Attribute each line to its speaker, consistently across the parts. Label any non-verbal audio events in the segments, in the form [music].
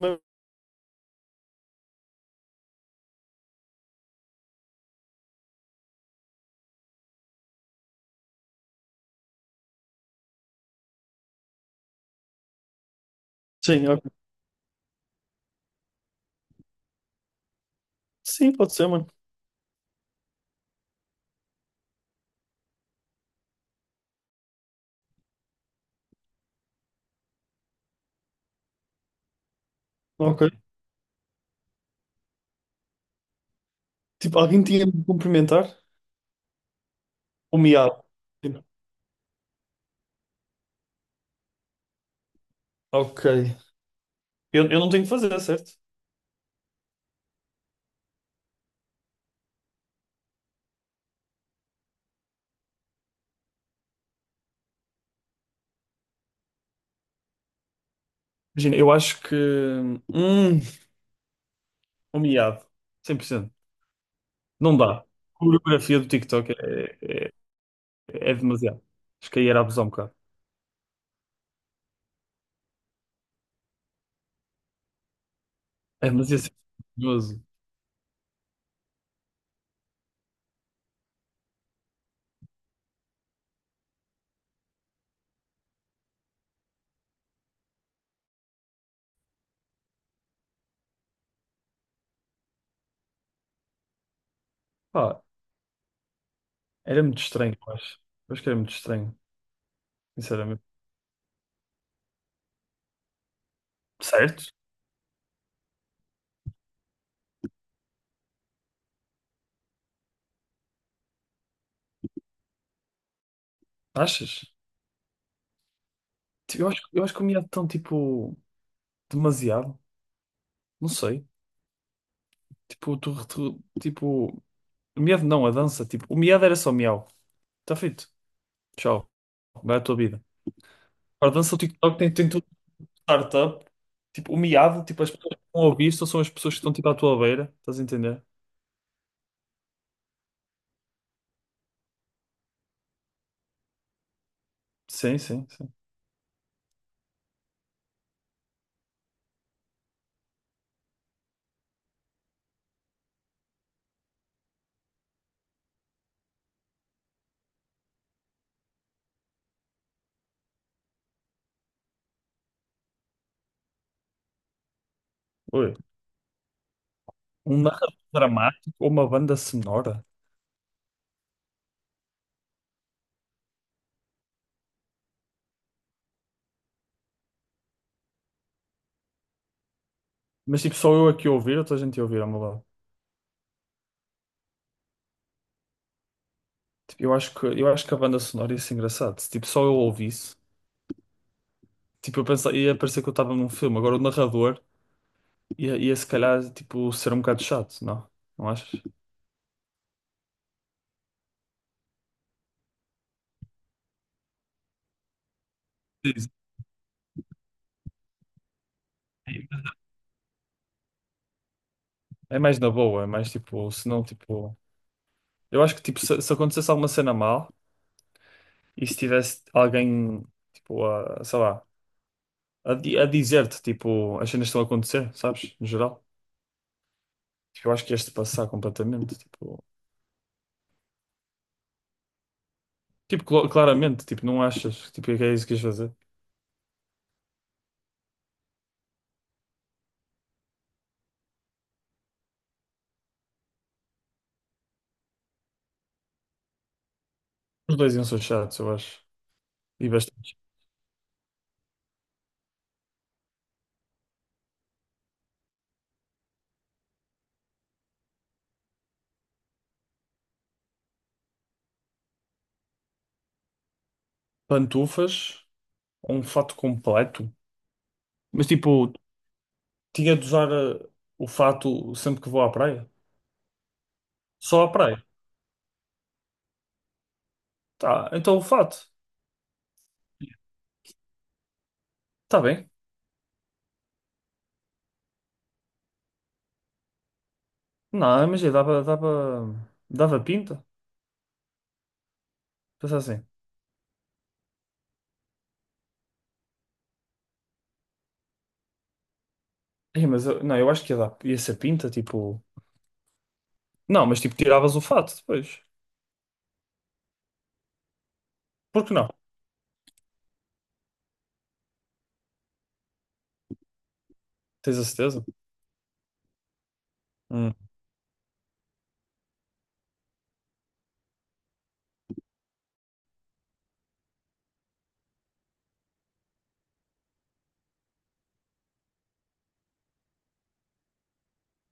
Speaker 1: Mas, sim, ok. Sim, pode ser, mano. Ok. Tipo, alguém tinha de me cumprimentar? O miado. Tipo, ok. Eu não tenho que fazer, certo? Imagina, eu acho que. Hum, o miado. 100% não dá. A coreografia do TikTok é demasiado. Acho que aí era abusar um bocado. É demasiado perigoso. Pá, era muito estranho, eu acho. Eu acho que era muito estranho, sinceramente. Certo? Achas? Tipo, eu acho que o miado tão, tipo, demasiado. Não sei. Tipo, tipo, o medo não, a dança, tipo, o medo era só miau. Está feito. Tchau. Vai à tua vida. Agora, dança o TikTok tem tudo de startup. Tipo, o miado, tipo, as pessoas que estão a ouvir só são as pessoas que estão tipo à tua beira. Estás a entender? Sim, sim, sim. Ui. Um narrador dramático ou uma banda sonora? Mas tipo, só eu aqui a ouvir ou toda a gente a ouvir ao meu lado? Tipo, eu acho que a banda sonora ia ser engraçado. Se tipo, só eu ouvisse, tipo, eu pensava, ia parecer que eu estava num filme. Agora o narrador. Ia se calhar, tipo, ser um bocado chato, não? Não achas? Sim, sim. É mais na boa, é mais tipo, se não, tipo. Eu acho que, tipo, se acontecesse alguma cena mal e se tivesse alguém, tipo, a, sei lá, a dizer-te, tipo, as cenas que estão a acontecer, sabes? No geral. Tipo, eu acho que ias-te passar completamente, tipo. Tipo, claramente, tipo, não achas? Tipo, é que é isso que ias fazer? Os dois iam ser chatos, eu acho. E bastante. Pantufas, um fato completo. Mas, tipo. Tinha de usar o fato sempre que vou à praia? Só à praia? Tá, então o fato. Tá bem. Não, imagina, dava, dava, dava pinta. Pensar assim. Ei, mas eu, não, eu acho que ia dar, ia ser pinta, tipo. Não, mas tipo, tiravas o fato depois. Por que não? Tens a certeza? Hum.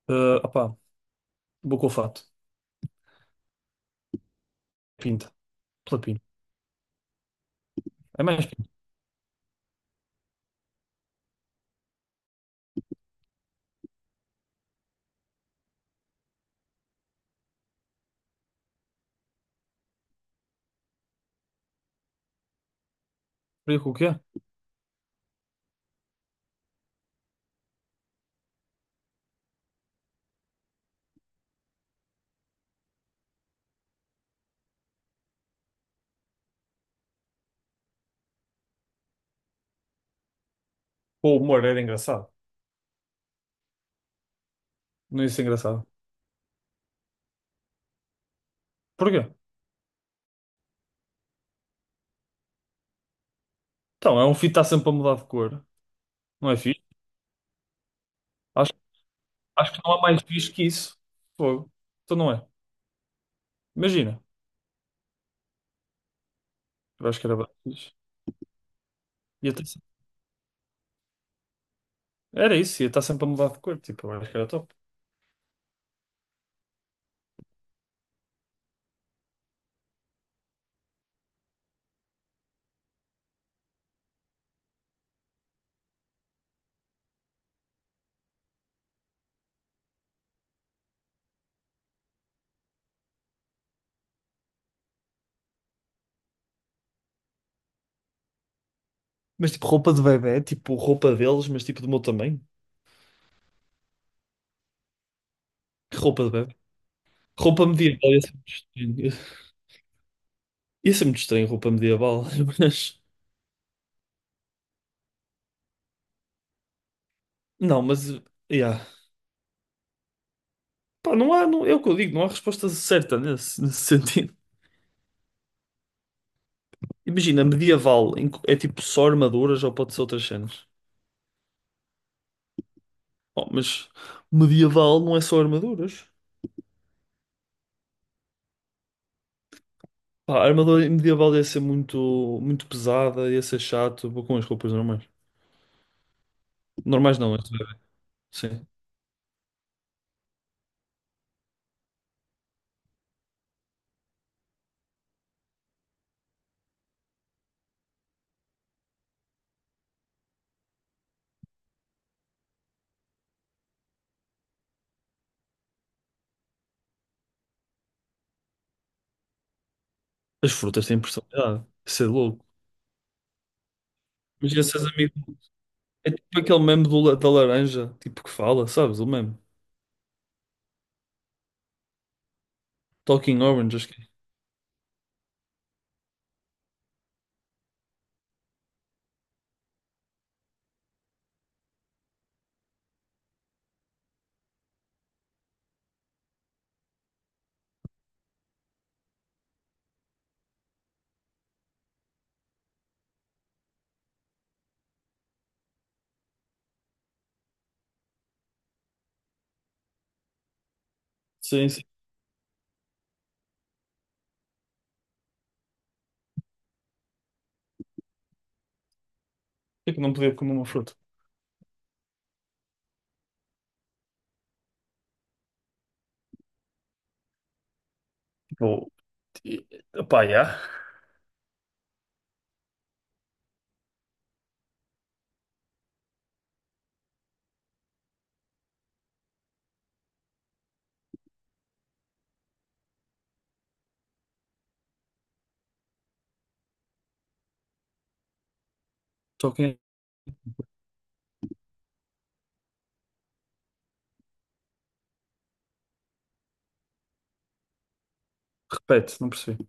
Speaker 1: Opá, vou com o fato. Pinta. Pela pinta. É mais pinta. Faria com o quê? Com o humor era engraçado. Não ia ser engraçado. Porquê? Então, é um filho que está sempre a mudar de cor. Não é fixe? Acho que não há mais fixe que isso. Fogo. Então não é. Imagina. Eu acho que era bem fixe. Ia ter sempre- Era isso, ia estar sempre a mudar de cor. Tipo, eu acho que era top. Mas tipo, roupa de bebê, tipo, roupa deles, mas tipo do meu tamanho. Que roupa de bebê? Roupa medieval, ia ser muito estranho. Ia ser muito estranho roupa medieval, [laughs] mas. Não, mas. Yeah. Pá, não há, não, é o que eu digo, não há resposta certa nesse, sentido. Imagina, medieval em que é tipo só armaduras ou pode ser outras cenas. Oh, mas medieval não é só armaduras. Pá, a armadura medieval ia ser muito, muito pesada, ia ser chato. Vou com as roupas normais. Normais não, mas, sim. As frutas têm personalidade. Isso é louco. Mas esses amigos. É tipo aquele meme da laranja, tipo que fala, sabes? O meme. Talking Orange, acho que é. Sim, sim. Por que é que não podia comer uma fruta? Tipo, e- pá, yeah. Talking. Repete, não percebi.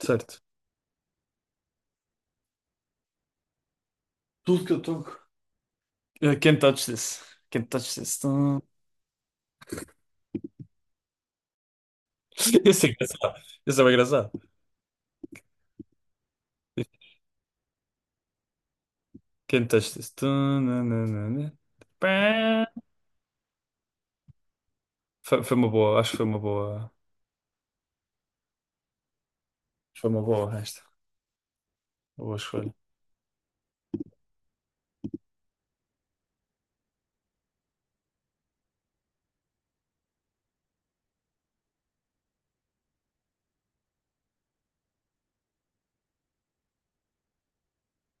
Speaker 1: Certo. Tudo que eu toco. I can't touch this. Can't touch this. Não. [laughs] Isso é engraçado. Isso é bem engraçado. Quem testa isso? Foi uma boa, acho que foi uma boa. Foi uma boa esta. Uma boa escolha.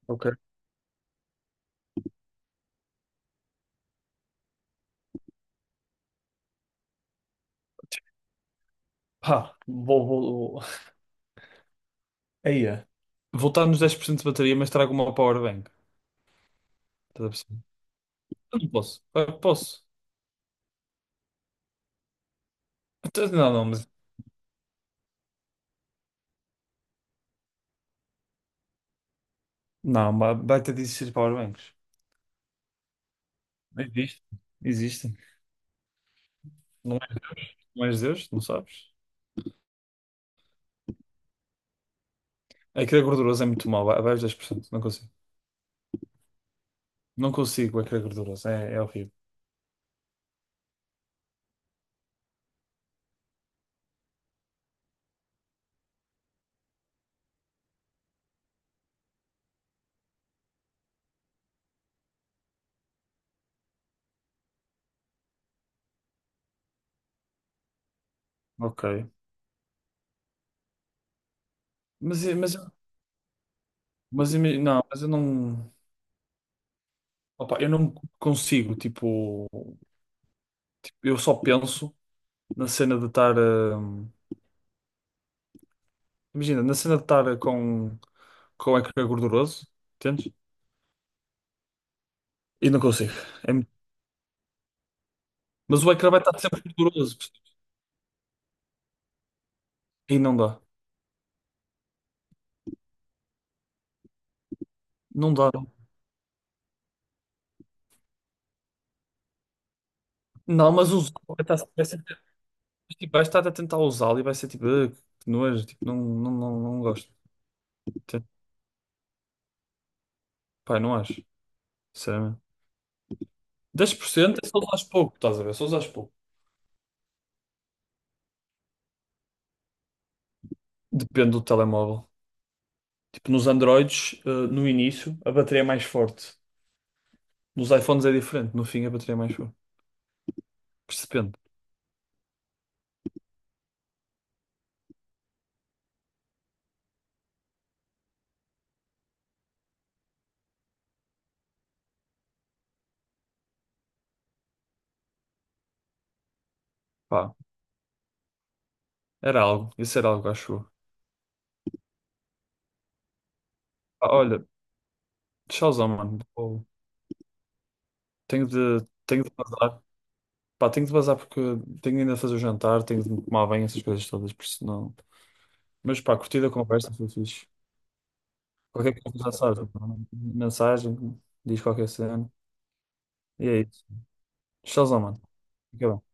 Speaker 1: Ok. Pá, vou. Aí é. Voltar nos 10% de bateria, mas trago uma power bank. Estás a perceber? Eu não posso. Eu posso. Então, não, não, mas. Não, baita de existir powerbanks. Existe. Existem. Não és, não és Deus, não sabes? A crer gorduroso é muito mau, abaixo de 10% não consigo. Não consigo a crer gorduroso, é horrível. Ok. Mas, eu- mas, eu- não, mas eu não. Opa, eu não consigo, tipo. Eu só penso na cena de estar. Imagina, na cena de estar com o ecrã gorduroso, entendes? E não consigo. É muito- Mas o ecrã vai estar sempre gorduroso. E não dá. Não dá. Não, mas os. Tipo, vais estar a tentar usá-lo e vai ser tipo, "Ah, que nojo, tipo, não, não, não, não gosto." Tipo, Pai, não acho, sinceramente. Dez por cento é só usares pouco, estás a ver? É só usares pouco. Depende do telemóvel. Tipo, nos Androids, no início, a bateria é mais forte. Nos iPhones é diferente, no fim a bateria é mais forte. Percebendo. Pá, era algo. Isso era algo, acho eu. Pá, olha, tchauzão, mano. Vou- Tenho de vazar. Pá, tenho de vazar porque tenho ainda de fazer o jantar, tenho de me tomar bem essas coisas todas, por isso não. Mas pá, curtida a conversa, foi fixe. Qualquer coisa já sabes. Mensagem, diz qualquer cena. E é isso. Showzão, mano. Fica bem.